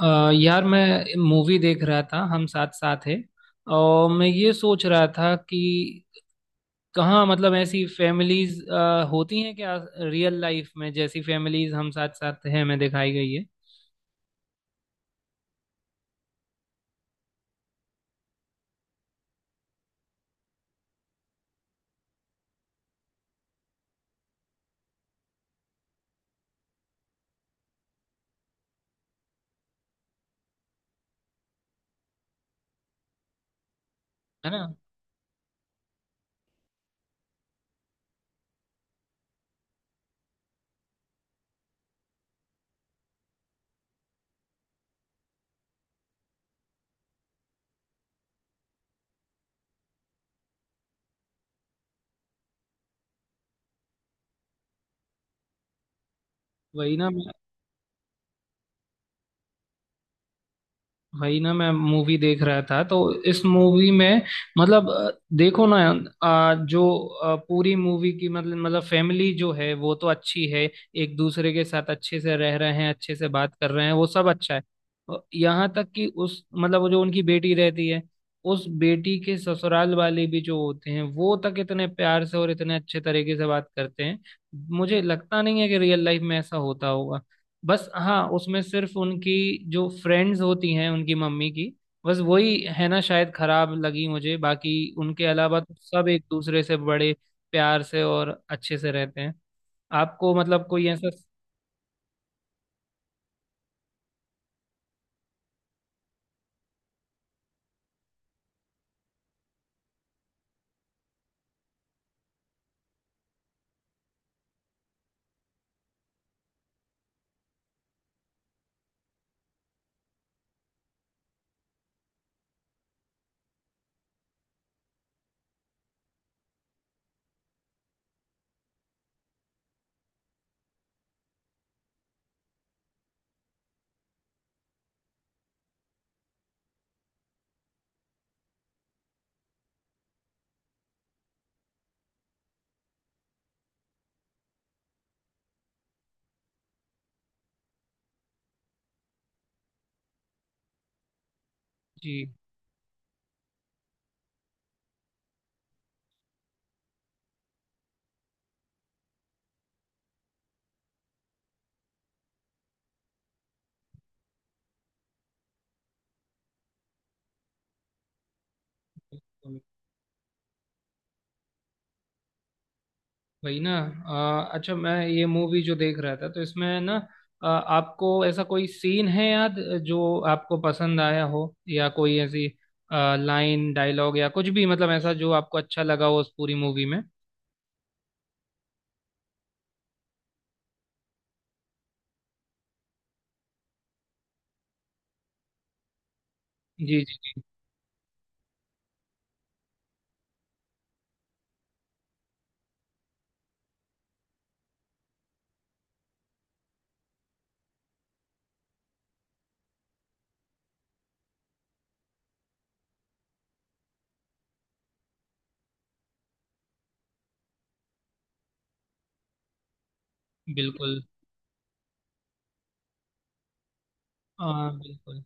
यार मैं मूवी देख रहा था हम साथ साथ है। और मैं ये सोच रहा था कि कहाँ मतलब ऐसी फैमिलीज होती हैं क्या। रियल लाइफ में जैसी फैमिलीज हम साथ साथ हैं में दिखाई गई है। है ना। वही ना। भाई ना मैं मूवी देख रहा था तो इस मूवी में मतलब देखो ना। जो पूरी मूवी की मतलब फैमिली जो है वो तो अच्छी है। एक दूसरे के साथ अच्छे से रह रहे हैं अच्छे से बात कर रहे हैं वो सब अच्छा है। यहाँ तक कि उस मतलब वो जो उनकी बेटी रहती है उस बेटी के ससुराल वाले भी जो होते हैं वो तक इतने प्यार से और इतने अच्छे तरीके से बात करते हैं। मुझे लगता नहीं है कि रियल लाइफ में ऐसा होता होगा। बस हाँ उसमें सिर्फ उनकी जो फ्रेंड्स होती हैं उनकी मम्मी की बस वही है ना शायद खराब लगी मुझे। बाकी उनके अलावा तो सब एक दूसरे से बड़े प्यार से और अच्छे से रहते हैं। आपको मतलब कोई ऐसा। जी बिल्कुल। वही ना। अच्छा मैं ये मूवी जो देख रहा था तो इसमें ना आपको ऐसा कोई सीन है याद जो आपको पसंद आया हो या कोई ऐसी लाइन डायलॉग या कुछ भी मतलब ऐसा जो आपको अच्छा लगा हो उस पूरी मूवी में। जी बिल्कुल। हाँ बिल्कुल।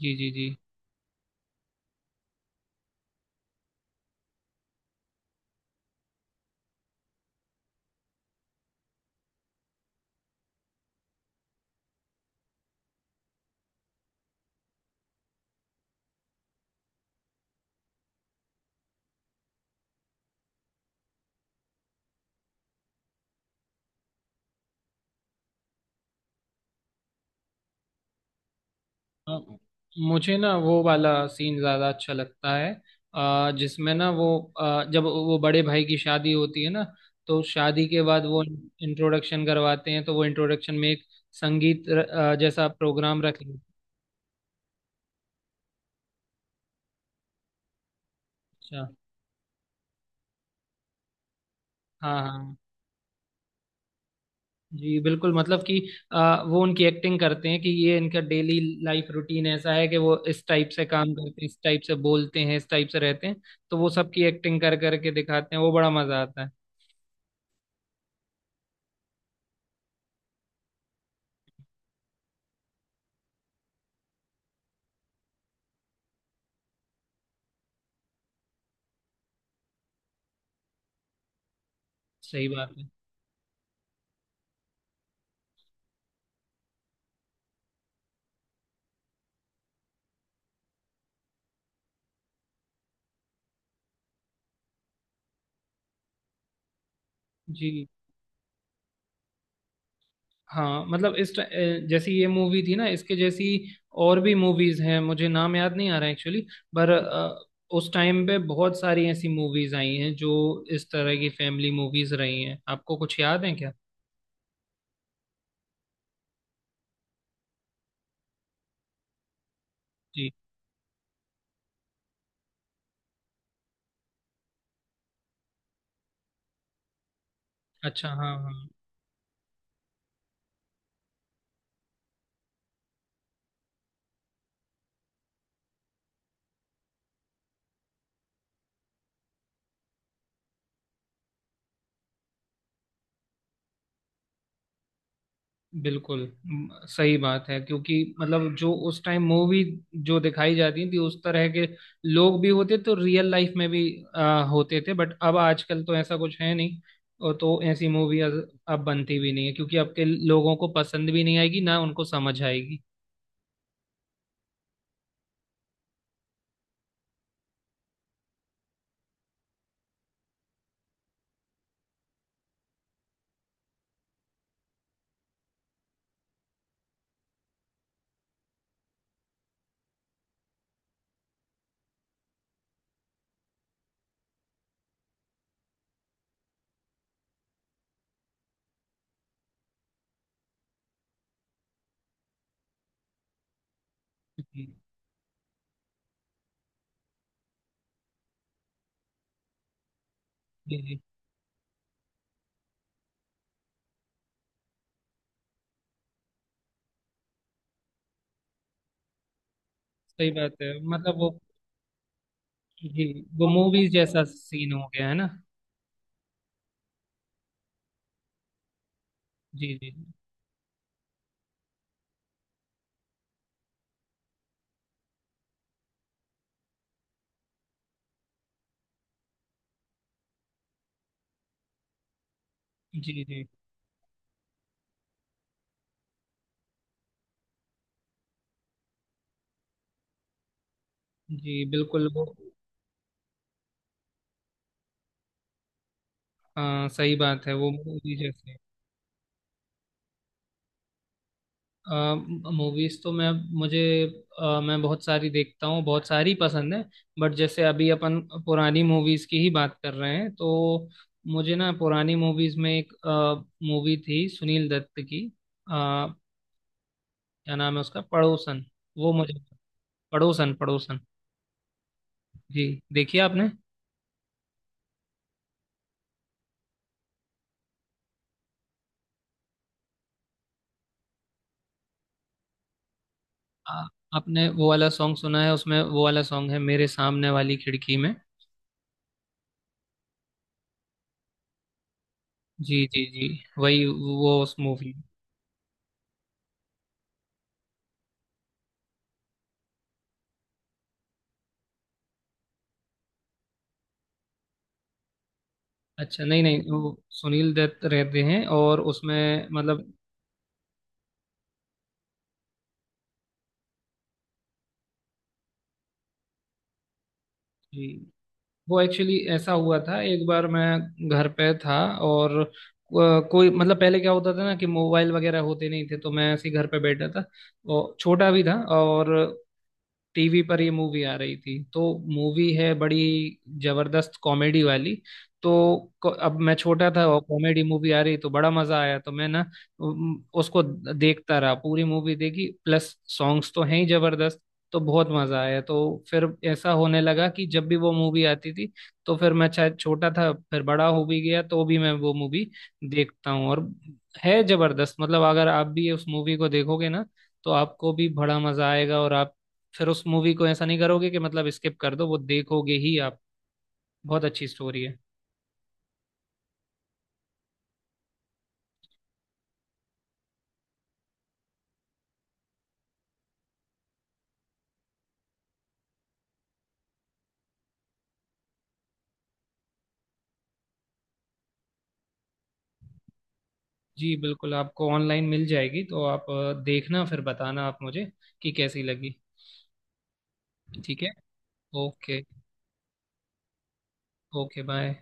जी जी जी। अ, मुझे ना वो वाला सीन ज़्यादा अच्छा लगता है। जिसमें ना वो जब वो बड़े भाई की शादी होती है ना तो शादी के बाद वो इंट्रोडक्शन करवाते हैं तो वो इंट्रोडक्शन में एक संगीत र, जैसा प्रोग्राम रख लेते हैं। अच्छा हाँ हाँ। जी बिल्कुल मतलब कि वो उनकी एक्टिंग करते हैं कि ये इनका डेली लाइफ रूटीन ऐसा है कि वो इस टाइप से काम करते हैं इस टाइप से बोलते हैं इस टाइप से रहते हैं। तो वो सबकी एक्टिंग कर करके दिखाते हैं वो बड़ा मजा आता है। सही बात है। जी। हाँ मतलब जैसी ये मूवी थी ना इसके जैसी और भी मूवीज हैं मुझे नाम याद नहीं आ रहा एक्चुअली। पर उस टाइम पे बहुत सारी ऐसी मूवीज आई हैं जो इस तरह की फैमिली मूवीज रही हैं। आपको कुछ याद है क्या। जी। अच्छा हाँ हाँ। बिल्कुल। सही बात है क्योंकि मतलब जो उस टाइम मूवी जो दिखाई जाती थी उस तरह के लोग भी होते तो रियल लाइफ में भी होते थे बट अब आजकल तो ऐसा कुछ है नहीं। और तो ऐसी मूवी अब बनती भी नहीं है क्योंकि अब के लोगों को पसंद भी नहीं आएगी ना उनको समझ आएगी। जी जी जी, सही बात है मतलब वो। जी वो मूवीज जैसा सीन हो गया है ना। जी जी। जी जी। जी बिल्कुल वो। हाँ सही बात है वो मूवी जैसे। मूवीज तो मैं मुझे मैं बहुत सारी देखता हूँ बहुत सारी पसंद है। बट जैसे अभी अपन पुरानी मूवीज की ही बात कर रहे हैं तो मुझे ना पुरानी मूवीज में एक मूवी थी सुनील दत्त की। क्या नाम है उसका। पड़ोसन। वो मुझे पड़ोसन पड़ोसन जी। देखिए आपने आ, आपने वो वाला सॉन्ग सुना है उसमें वो वाला सॉन्ग है मेरे सामने वाली खिड़की में। जी जी जी। वही वो उस मूवी। अच्छा नहीं नहीं वो सुनील दत्त रहते हैं और उसमें मतलब। जी, वो एक्चुअली ऐसा हुआ था। एक बार मैं घर पे था और कोई मतलब पहले क्या होता था ना कि मोबाइल वगैरह होते नहीं थे तो मैं ऐसे ही घर पे बैठा था और छोटा भी था। और टीवी पर ये मूवी आ रही थी तो मूवी है बड़ी जबरदस्त कॉमेडी वाली। तो अब मैं छोटा था और कॉमेडी मूवी आ रही तो बड़ा मजा आया तो मैं ना उसको देखता रहा। पूरी मूवी देखी प्लस सॉन्ग्स तो हैं ही जबरदस्त। तो बहुत मजा आया। तो फिर ऐसा होने लगा कि जब भी वो मूवी आती थी तो फिर मैं शायद छोटा था फिर बड़ा हो भी गया तो भी मैं वो मूवी देखता हूँ। और है जबरदस्त। मतलब अगर आप भी उस मूवी को देखोगे ना तो आपको भी बड़ा मजा आएगा और आप फिर उस मूवी को ऐसा नहीं करोगे कि मतलब स्किप कर दो वो देखोगे ही आप। बहुत अच्छी स्टोरी है। जी बिल्कुल। आपको ऑनलाइन मिल जाएगी तो आप देखना फिर बताना आप मुझे कि कैसी लगी। ठीक है। ओके। Okay bye.